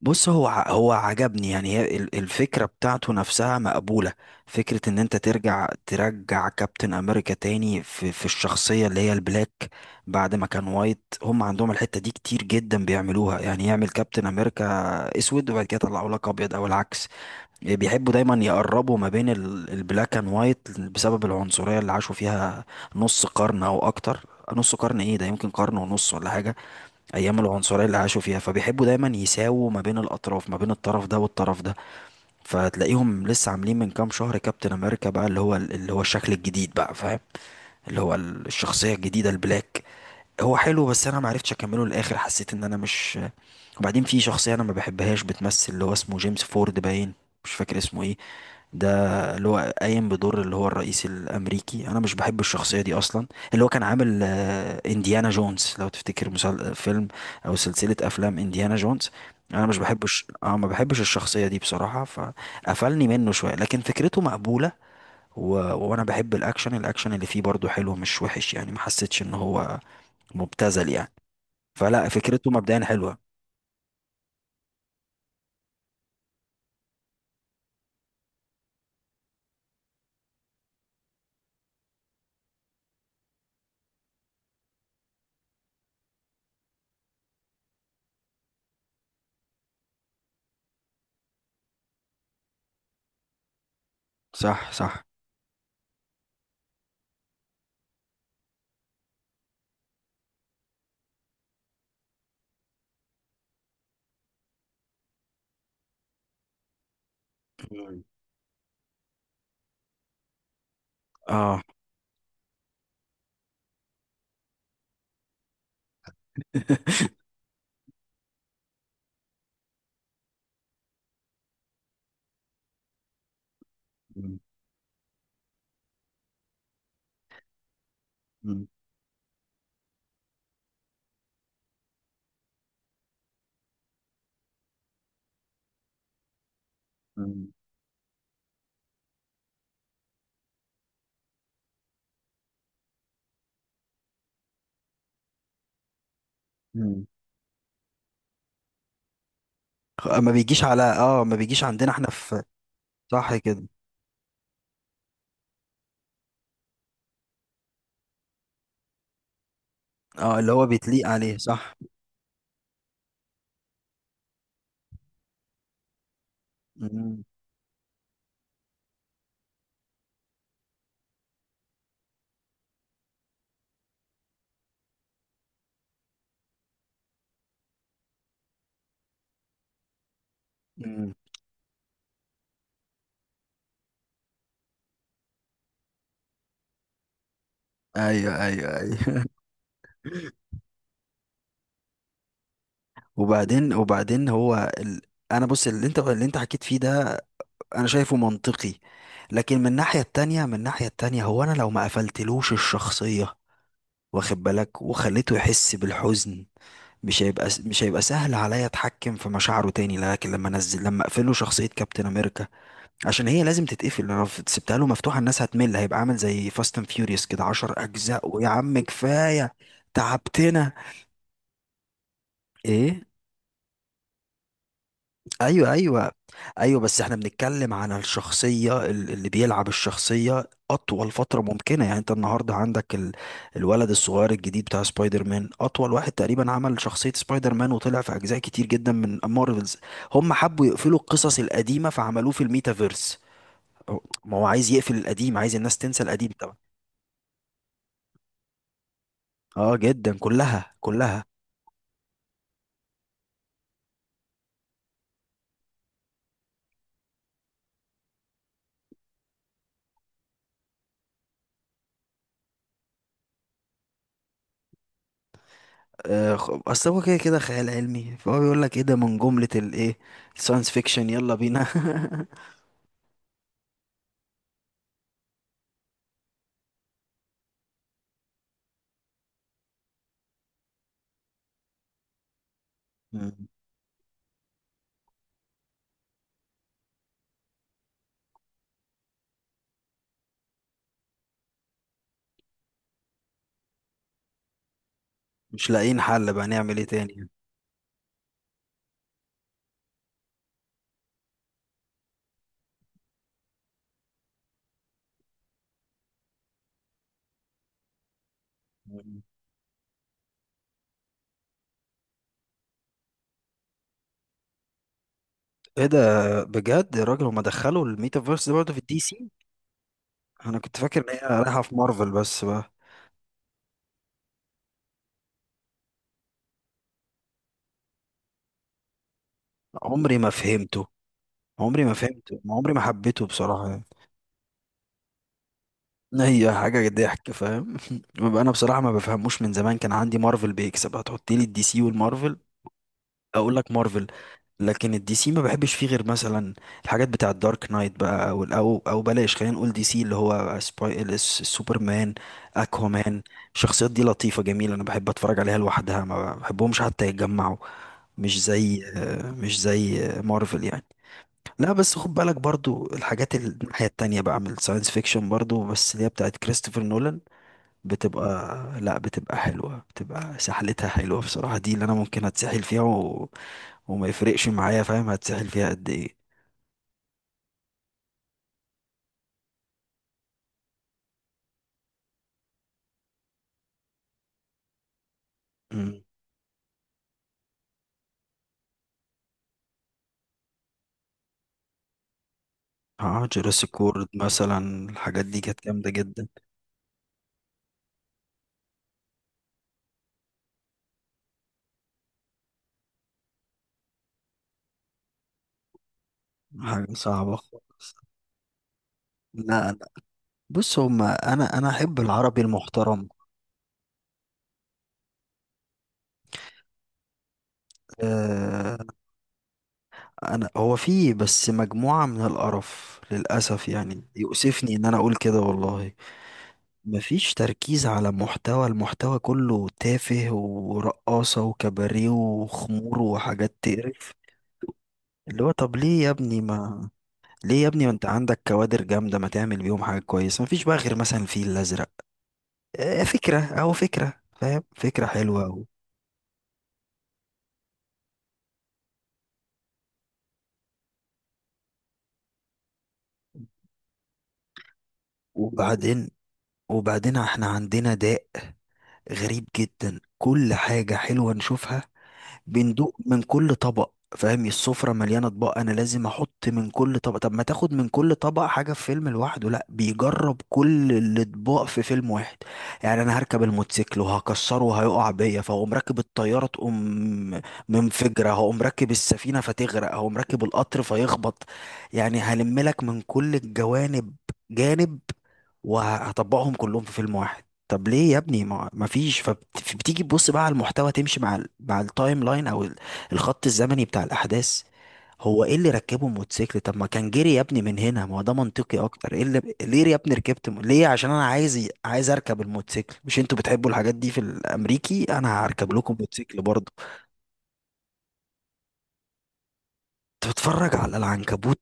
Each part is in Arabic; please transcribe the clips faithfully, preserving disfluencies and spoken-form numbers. بص، هو ع- هو عجبني. يعني هي ال- الفكرة بتاعته نفسها مقبولة. فكرة ان انت ترجع ترجع كابتن امريكا تاني في, في الشخصية اللي هي البلاك بعد ما كان وايت. هم عندهم الحتة دي كتير جدا بيعملوها، يعني يعمل كابتن امريكا اسود وبعد كده يطلعوا لك ابيض او العكس. بيحبوا دايما يقربوا ما بين ال- البلاك اند وايت بسبب العنصرية اللي عاشوا فيها نص قرن او اكتر. نص قرن ايه ده، يمكن قرن ونص ولا حاجة. ايام العنصريه اللي عاشوا فيها، فبيحبوا دايما يساووا ما بين الاطراف، ما بين الطرف ده والطرف ده. فتلاقيهم لسه عاملين من كام شهر كابتن امريكا بقى اللي هو اللي هو الشكل الجديد بقى، فاهم؟ اللي هو الشخصيه الجديده البلاك. هو حلو بس انا ما عرفتش اكمله للاخر، حسيت ان انا مش. وبعدين في شخصيه انا ما بحبهاش بتمثل اللي هو اسمه جيمس فورد باين، مش فاكر اسمه ايه ده، اللي هو قايم بدور اللي هو الرئيس الامريكي. انا مش بحب الشخصيه دي اصلا. اللي هو كان عامل آه، انديانا جونز لو تفتكر، مسل... فيلم او سلسله افلام انديانا جونز. انا مش بحبش، اه ما بحبش الشخصيه دي بصراحه، فقفلني منه شويه، لكن فكرته مقبوله. و... وانا بحب الاكشن. الاكشن اللي فيه برضو حلو، مش وحش يعني، ما حسيتش ان هو مبتذل يعني. فلا، فكرته مبدئيا حلوه. صح صح. مم. اه. مم. مم. مم. ما بيجيش على، اه ما بيجيش عندنا احنا في. صح كده. اه، اللي هو بيتليق عليه، صح. مم. مم. ايوه ايوه ايوه. وبعدين وبعدين هو ال. انا بص، اللي انت اللي انت حكيت فيه ده انا شايفه منطقي. لكن من الناحية التانية، من الناحية التانية هو انا لو ما قفلتلوش الشخصية، واخد بالك، وخليته يحس بالحزن، مش هيبقى مش هيبقى سهل عليا اتحكم في مشاعره تاني. لكن لما انزل لما اقفله شخصية كابتن امريكا، عشان هي لازم تتقفل. لو سبتها له مفتوحه الناس هتمل، هيبقى عامل زي فاست اند فيوريوس كده عشرة اجزاء، ويا عم كفايه تعبتنا. ايه؟ ايوه ايوه ايوه. بس احنا بنتكلم على الشخصيه، ال- اللي بيلعب الشخصيه اطول فتره ممكنه. يعني انت النهارده عندك ال. الولد الصغير الجديد بتاع سبايدر مان اطول واحد تقريبا عمل شخصيه سبايدر مان وطلع في اجزاء كتير جدا من مارفلز. هم حبوا يقفلوا القصص القديمه فعملوه في الميتافيرس. هو- ما هو عايز يقفل القديم، عايز الناس تنسى القديم. اه جدا، كلها كلها. آه، خ- اصل هو كده كده خيال علمي، فهو بيقول لك ايه ده، من جملة الايه الساينس فيكشن، يلا بينا. مم. مش لاقيين حل بقى نعمل ايه تاني. مم. ايه ده؟ بجد يا راجل، هما دخلوا الميتافيرس ده برضه في الدي سي. انا كنت فاكر ان هي رايحة في مارفل بس بقى. عمري ما فهمته، عمري ما فهمته عمري ما حبيته بصراحة يعني. هي حاجة ضحك، فاهم. ببقى انا بصراحة ما بفهموش، من زمان كان عندي مارفل بيكسب. هتحط لي الدي سي والمارفل اقول لك مارفل. لكن الدي سي ما بحبش فيه غير مثلا الحاجات بتاع الدارك نايت بقى، او او, أو بلاش خلينا نقول دي سي اللي هو سباي الس- سوبرمان، اكوامان. الشخصيات دي لطيفة جميلة، انا بحب اتفرج عليها لوحدها، ما بحبهمش حتى يتجمعوا. مش زي، آه، مش زي آه، مارفل يعني. لا بس خد بالك برضو الحاجات الناحية التانية بقى من الساينس فيكشن برضو، بس اللي هي بتاعت كريستوفر نولان، بتبقى لا بتبقى حلوة، بتبقى سحلتها حلوة بصراحة. دي اللي انا ممكن اتسحل فيها وما يفرقش معايا، فاهم، هتسحل فيها قد ايه. مم. اه، جوراسيك وورد مثلا الحاجات دي كانت جامدة جدا. حاجة صعبة خالص. لا لا، بص هما انا انا احب العربي المحترم. آه، انا هو فيه بس مجموعة من القرف للأسف، يعني يؤسفني ان انا اقول كده والله. مفيش تركيز على محتوى. المحتوى كله تافه ورقاصة وكباريه وخمور وحاجات تقرف. اللي هو طب ليه يا ابني ما، ليه يا ابني ما انت عندك كوادر جامدة، ما تعمل بيهم حاجة كويسة. مفيش بقى غير مثلا الفيل الأزرق، آه، فكرة أهو، فكرة، فاهم، فكرة حلوة أهو. وبعدين وبعدين احنا عندنا داء غريب جدا، كل حاجة حلوة نشوفها بندوق من كل طبق. فاهم السفرة مليانة اطباق، انا لازم احط من كل طبق. طب ما تاخد من كل طبق حاجة في فيلم لوحده، لا بيجرب كل الاطباق في فيلم واحد. يعني انا هركب الموتوسيكل وهكسره وهيقع بيا، فهقوم راكب الطيارة تقوم منفجرة، هقوم راكب السفينة فتغرق، هقوم راكب القطر فيخبط. يعني هلم لك من كل الجوانب، جانب، وهطبقهم كلهم في فيلم واحد. طب ليه يا ابني ما، ما فيش. فبتيجي تبص بقى على المحتوى، تمشي مع ال، مع التايم لاين او ال- الخط الزمني بتاع الاحداث. هو ايه اللي ركبه موتوسيكل؟ طب ما كان جري يا ابني من هنا، ما هو ده منطقي اكتر. ايه اللي، ليه يا ابني ركبت، م... ليه؟ عشان انا عايز، ي- عايز اركب الموتوسيكل. مش انتوا بتحبوا الحاجات دي في الامريكي، انا هركب لكم موتوسيكل برضه. كنت بتفرج على العنكبوت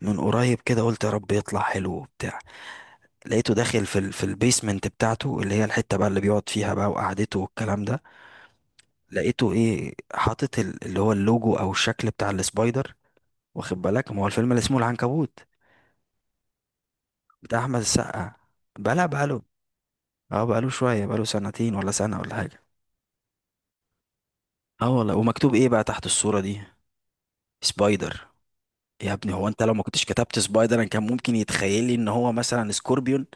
من قريب كده، قلت يا رب يطلع حلو وبتاع. لقيته داخل في ال، في البيسمنت بتاعته اللي هي الحتة بقى اللي بيقعد فيها بقى وقعدته والكلام ده. لقيته ايه، حاطط ال- اللي هو اللوجو او الشكل بتاع السبايدر، واخد بالك، ما هو الفيلم اللي اسمه العنكبوت بتاع احمد السقا، بلا بقاله. اه، بقاله شويه، بقاله سنتين ولا سنه ولا حاجه. اه والله. ومكتوب ايه بقى تحت الصوره دي؟ سبايدر. يا ابني هو انت لو ما كنتش كتبت سبايدر انا كان ممكن يتخيل لي ان هو مثلا سكوربيون.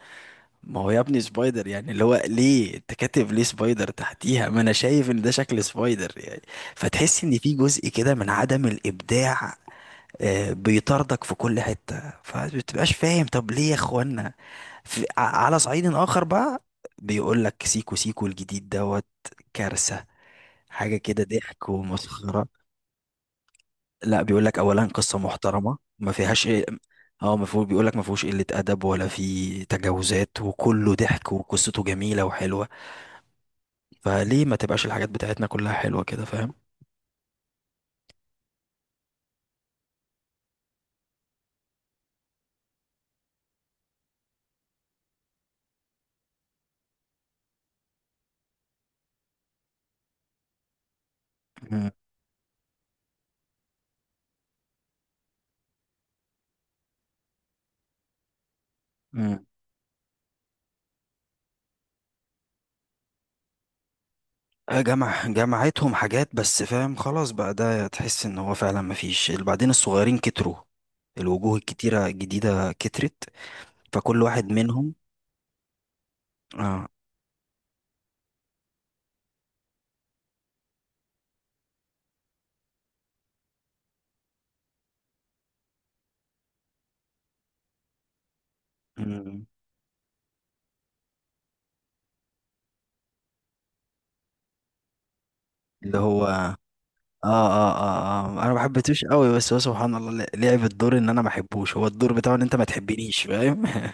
ما هو يا ابني سبايدر يعني، اللي هو ليه انت كاتب ليه سبايدر تحتيها، ما انا شايف ان ده شكل سبايدر يعني. فتحس ان في جزء كده من عدم الابداع، آه، بيطاردك في كل حتة، فمبتبقاش فاهم طب ليه يا اخوانا. في، ع- على صعيد آخر بقى، بيقول لك سيكو سيكو الجديد دوت، كارثة، حاجة كده ضحك ومسخرة. لا بيقول لك أولا قصة محترمة ما فيهاش. اه، ما فيه بيقول لك ما فيهوش قلة أدب ولا فيه تجاوزات، وكله ضحك وقصته جميلة وحلوة. فليه ما تبقاش الحاجات بتاعتنا كلها حلوة كده، فاهم. مم. آه، جمع جمعتهم حاجات بس، فاهم، خلاص بقى ده تحس ان هو فعلا مفيش. اللي بعدين الصغيرين كتروا، الوجوه الكتيرة الجديدة كترت، فكل واحد منهم. اه. مم. اللي هو اه. اه اه اه، انا ما حبيتوش قوي، بس هو سبحان الله ل- لعب الدور ان انا ما احبوش. هو الدور بتاعه ان انت ما تحبنيش، فاهم.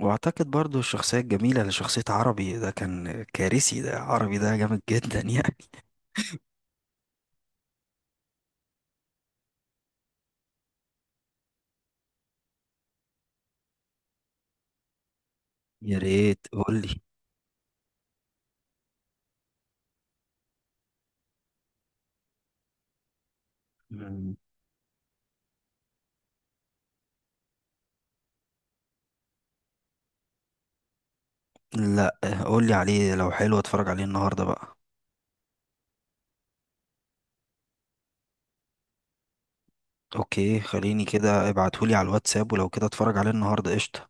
واعتقد برضو الشخصية الجميلة لشخصية عربي، ده كان كارثي، ده عربي ده جامد جدا يعني. يا ريت قول لي. لا، قولي عليه، لو حلو اتفرج عليه النهارده بقى. اوكي، خليني كده ابعتهولي على الواتساب، ولو كده اتفرج عليه النهارده قشطه.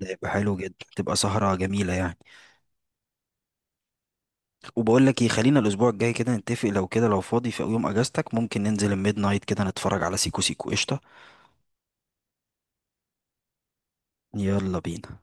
ده يبقى حلو جدا، تبقى سهرة جميلة يعني. وبقول لك ايه، خلينا الاسبوع الجاي كده نتفق لو كده، لو فاضي في يوم اجازتك ممكن ننزل الميد نايت كده نتفرج على سيكو سيكو قشطه. يلا بينا.